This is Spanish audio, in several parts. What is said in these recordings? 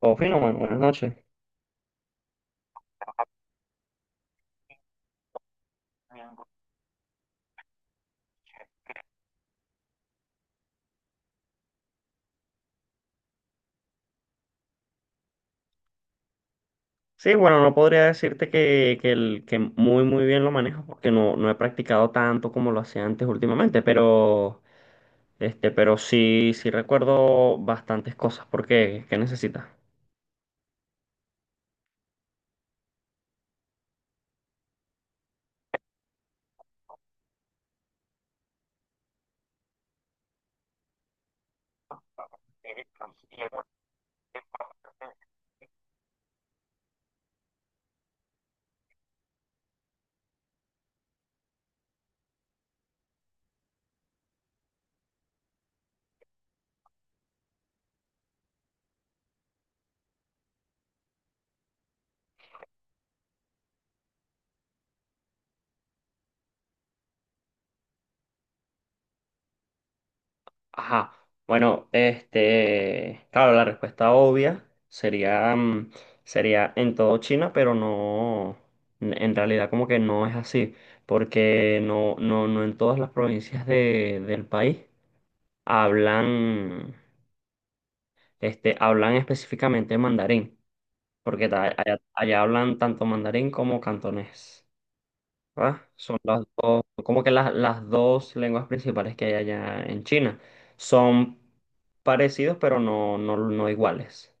Oh, fino, mano, buenas noches. Sí, bueno, no podría decirte que muy, muy bien lo manejo porque no he practicado tanto como lo hacía antes últimamente, pero sí recuerdo bastantes cosas. ¿Por qué? ¿Qué necesitas? Ajá. Bueno, claro, la respuesta obvia sería, mm, sería en todo China, pero no, n- en realidad como que no es así, porque no en todas las provincias del país hablan. Hablan específicamente mandarín, porque allá hablan tanto mandarín como cantonés, ¿verdad? Son las dos, como que las dos lenguas principales que hay allá en China. Son parecidos, pero no iguales.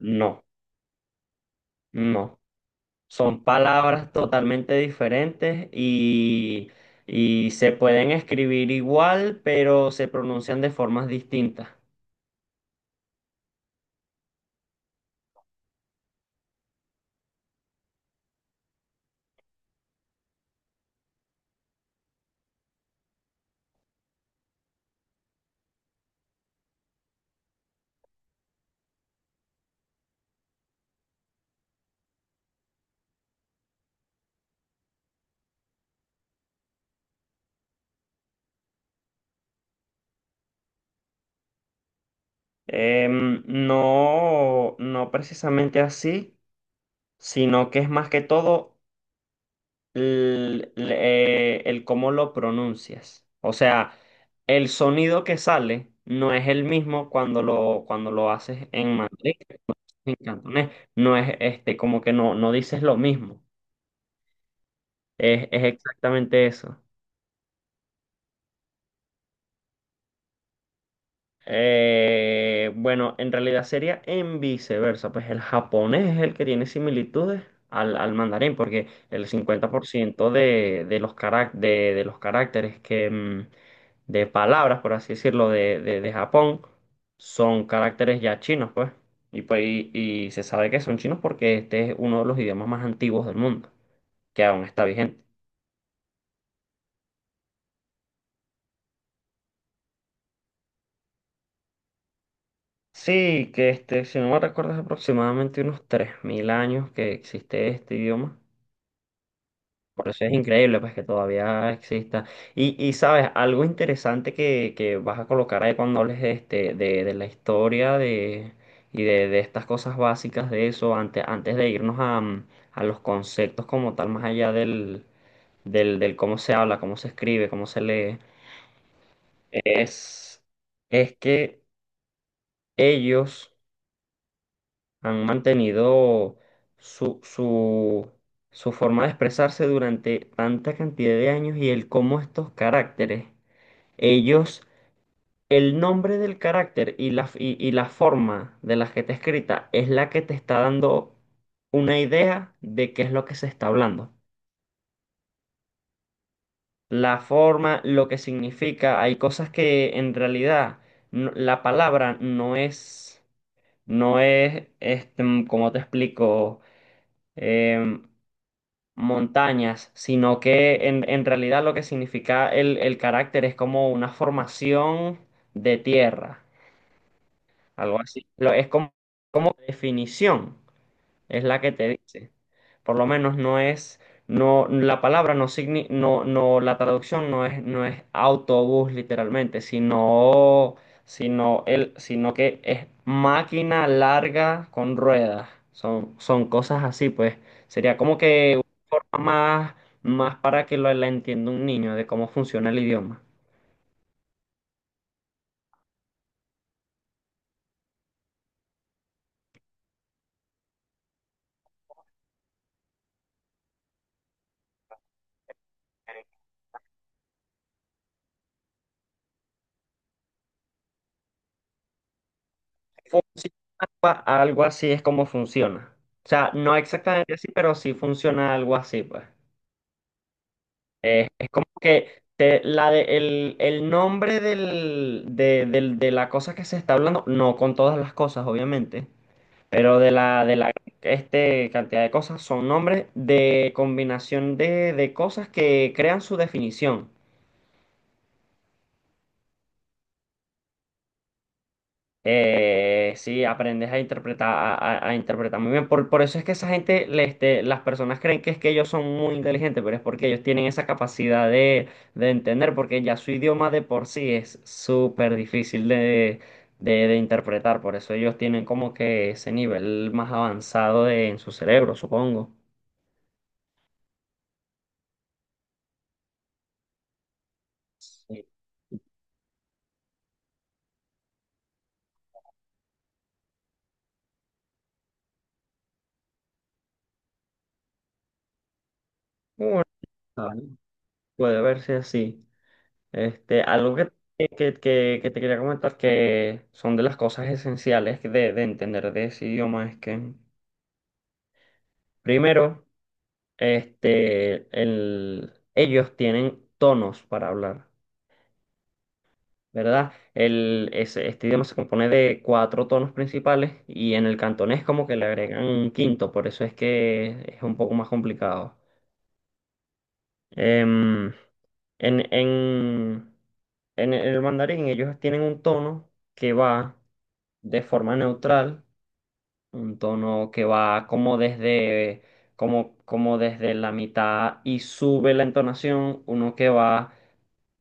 No, no. Son palabras totalmente diferentes y se pueden escribir igual, pero se pronuncian de formas distintas. No precisamente así. Sino que es más que todo el cómo lo pronuncias. O sea, el sonido que sale no es el mismo cuando lo haces en mandarín, en cantonés. No es, como que no dices lo mismo. Es exactamente eso. Bueno, en realidad sería en viceversa, pues el japonés es el que tiene similitudes al mandarín, porque el 50% de los caracteres de palabras, por así decirlo, de Japón son caracteres ya chinos, pues. Y se sabe que son chinos porque este es uno de los idiomas más antiguos del mundo, que aún está vigente. Sí, que si no me recuerdo, es aproximadamente unos 3.000 años que existe este idioma. Por eso es increíble, pues, que todavía exista. Y sabes, algo interesante que vas a colocar ahí cuando hables de la historia de estas cosas básicas de eso, antes de irnos a los conceptos como tal, más allá del cómo se habla, cómo se escribe, cómo se lee, es, es que ellos han mantenido su, su, su forma de expresarse durante tanta cantidad de años y el cómo estos caracteres, ellos, el nombre del carácter y la forma de la que está escrita es la que te está dando una idea de qué es lo que se está hablando. La forma, lo que significa, hay cosas que en realidad la palabra no es. ¿Cómo te explico? em, Montañas, sino que en realidad lo que significa el carácter es como una formación de tierra, algo así. Es como definición es la que te dice. Por lo menos no es, no, la palabra no signi, la traducción no es autobús literalmente, sino que es máquina larga con ruedas. Son cosas así, pues. Sería como que una forma más, más para que la entienda un niño de cómo funciona el idioma. Funciona algo así es como funciona. O sea, no exactamente así, pero sí funciona algo así, pues. Es como que el nombre de la cosa que se está hablando, no con todas las cosas, obviamente, pero de la cantidad de cosas son nombres de combinación de cosas que crean su definición. Sí, aprendes a interpretar, a interpretar muy bien. Por eso es que esa gente, las personas creen que es que ellos son muy inteligentes, pero es porque ellos tienen esa capacidad de entender, porque ya su idioma de por sí es súper difícil de interpretar. Por eso ellos tienen como que ese nivel más avanzado en su cerebro, supongo. Sí, bueno, puede verse así. Algo que te quería comentar que son de las cosas esenciales de entender de ese idioma es que, primero, ellos tienen tonos para hablar, ¿verdad? Este idioma se compone de cuatro tonos principales y en el cantonés como que le agregan un quinto, por eso es que es un poco más complicado. Em, en, en, en el mandarín ellos tienen un tono que va, de forma neutral, un tono que va como desde la mitad y sube la entonación, uno que va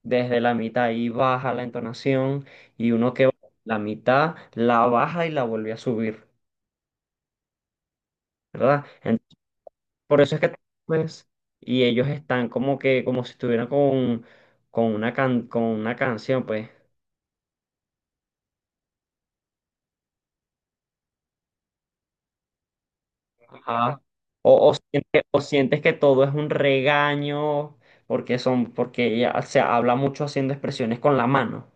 desde la mitad y baja la entonación, y uno que va la mitad, la baja y la vuelve a subir, ¿verdad? Entonces, por eso es que, pues, y ellos están como que, como si estuvieran con una canción, pues. Ajá. O sientes que todo es un regaño porque son, porque ella se habla mucho haciendo expresiones con la mano.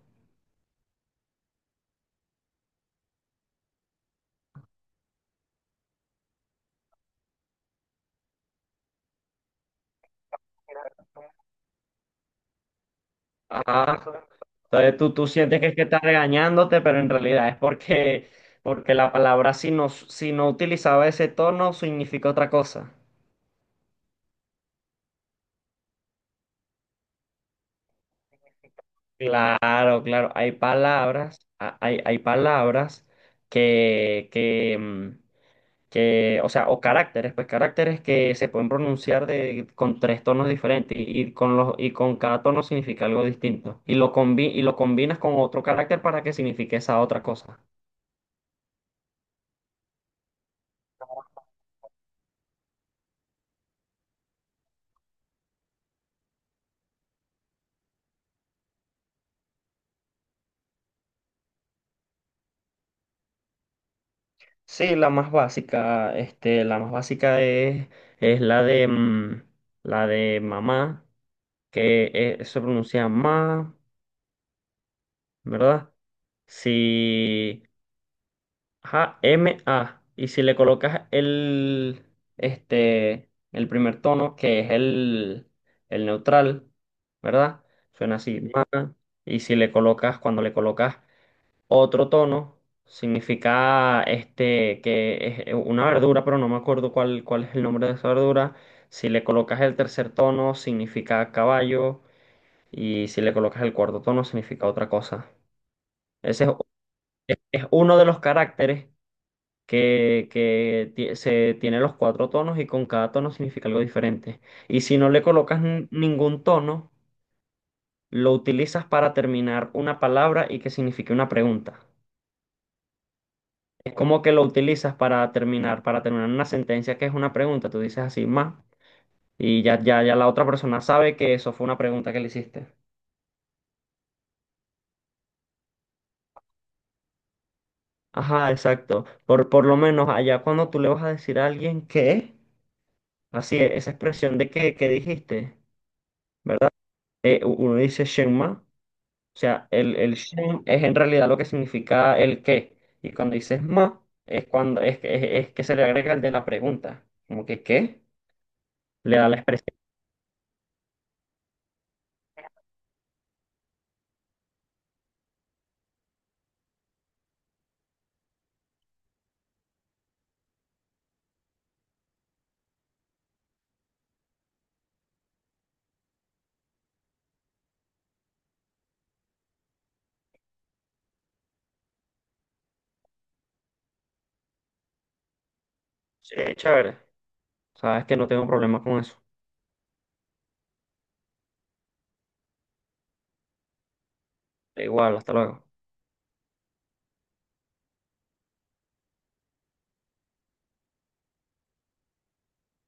Ajá. Entonces tú sientes que es que está regañándote, pero en realidad es porque la palabra si no utilizaba ese tono significa otra cosa. Claro, claro. Hay palabras que, que, mm, que, o sea, o caracteres, pues caracteres que se pueden pronunciar con tres tonos diferentes y con cada tono significa algo distinto. Y lo combinas con otro carácter para que signifique esa otra cosa. Sí, la más básica, la más básica es la de mamá, que se pronuncia ma, ¿verdad? Si, ajá, MA. Y si le colocas el primer tono, que es el neutral, ¿verdad? Suena así, ma. Y si le colocas, cuando le colocas otro tono, significa que es una verdura, pero no me acuerdo cuál es el nombre de esa verdura. Si le colocas el tercer tono, significa caballo. Y si le colocas el cuarto tono, significa otra cosa. Ese es uno de los caracteres que se tiene los cuatro tonos y con cada tono significa algo diferente. Y si no le colocas ningún tono, lo utilizas para terminar una palabra y que signifique una pregunta. Es como que lo utilizas para terminar una sentencia que es una pregunta. Tú dices así, más, y ya la otra persona sabe que eso fue una pregunta que le hiciste. Ajá, exacto. Por lo menos allá cuando tú le vas a decir a alguien que, así, esa expresión de que dijiste, ¿verdad? Uno dice Shenma. O sea, el shen es en realidad lo que significa el qué. Y cuando dices ma, es cuando es que se le agrega el de la pregunta. Como que qué, le da la expresión. Sí, chévere. Sabes que no tengo problema con eso. Igual, hasta luego.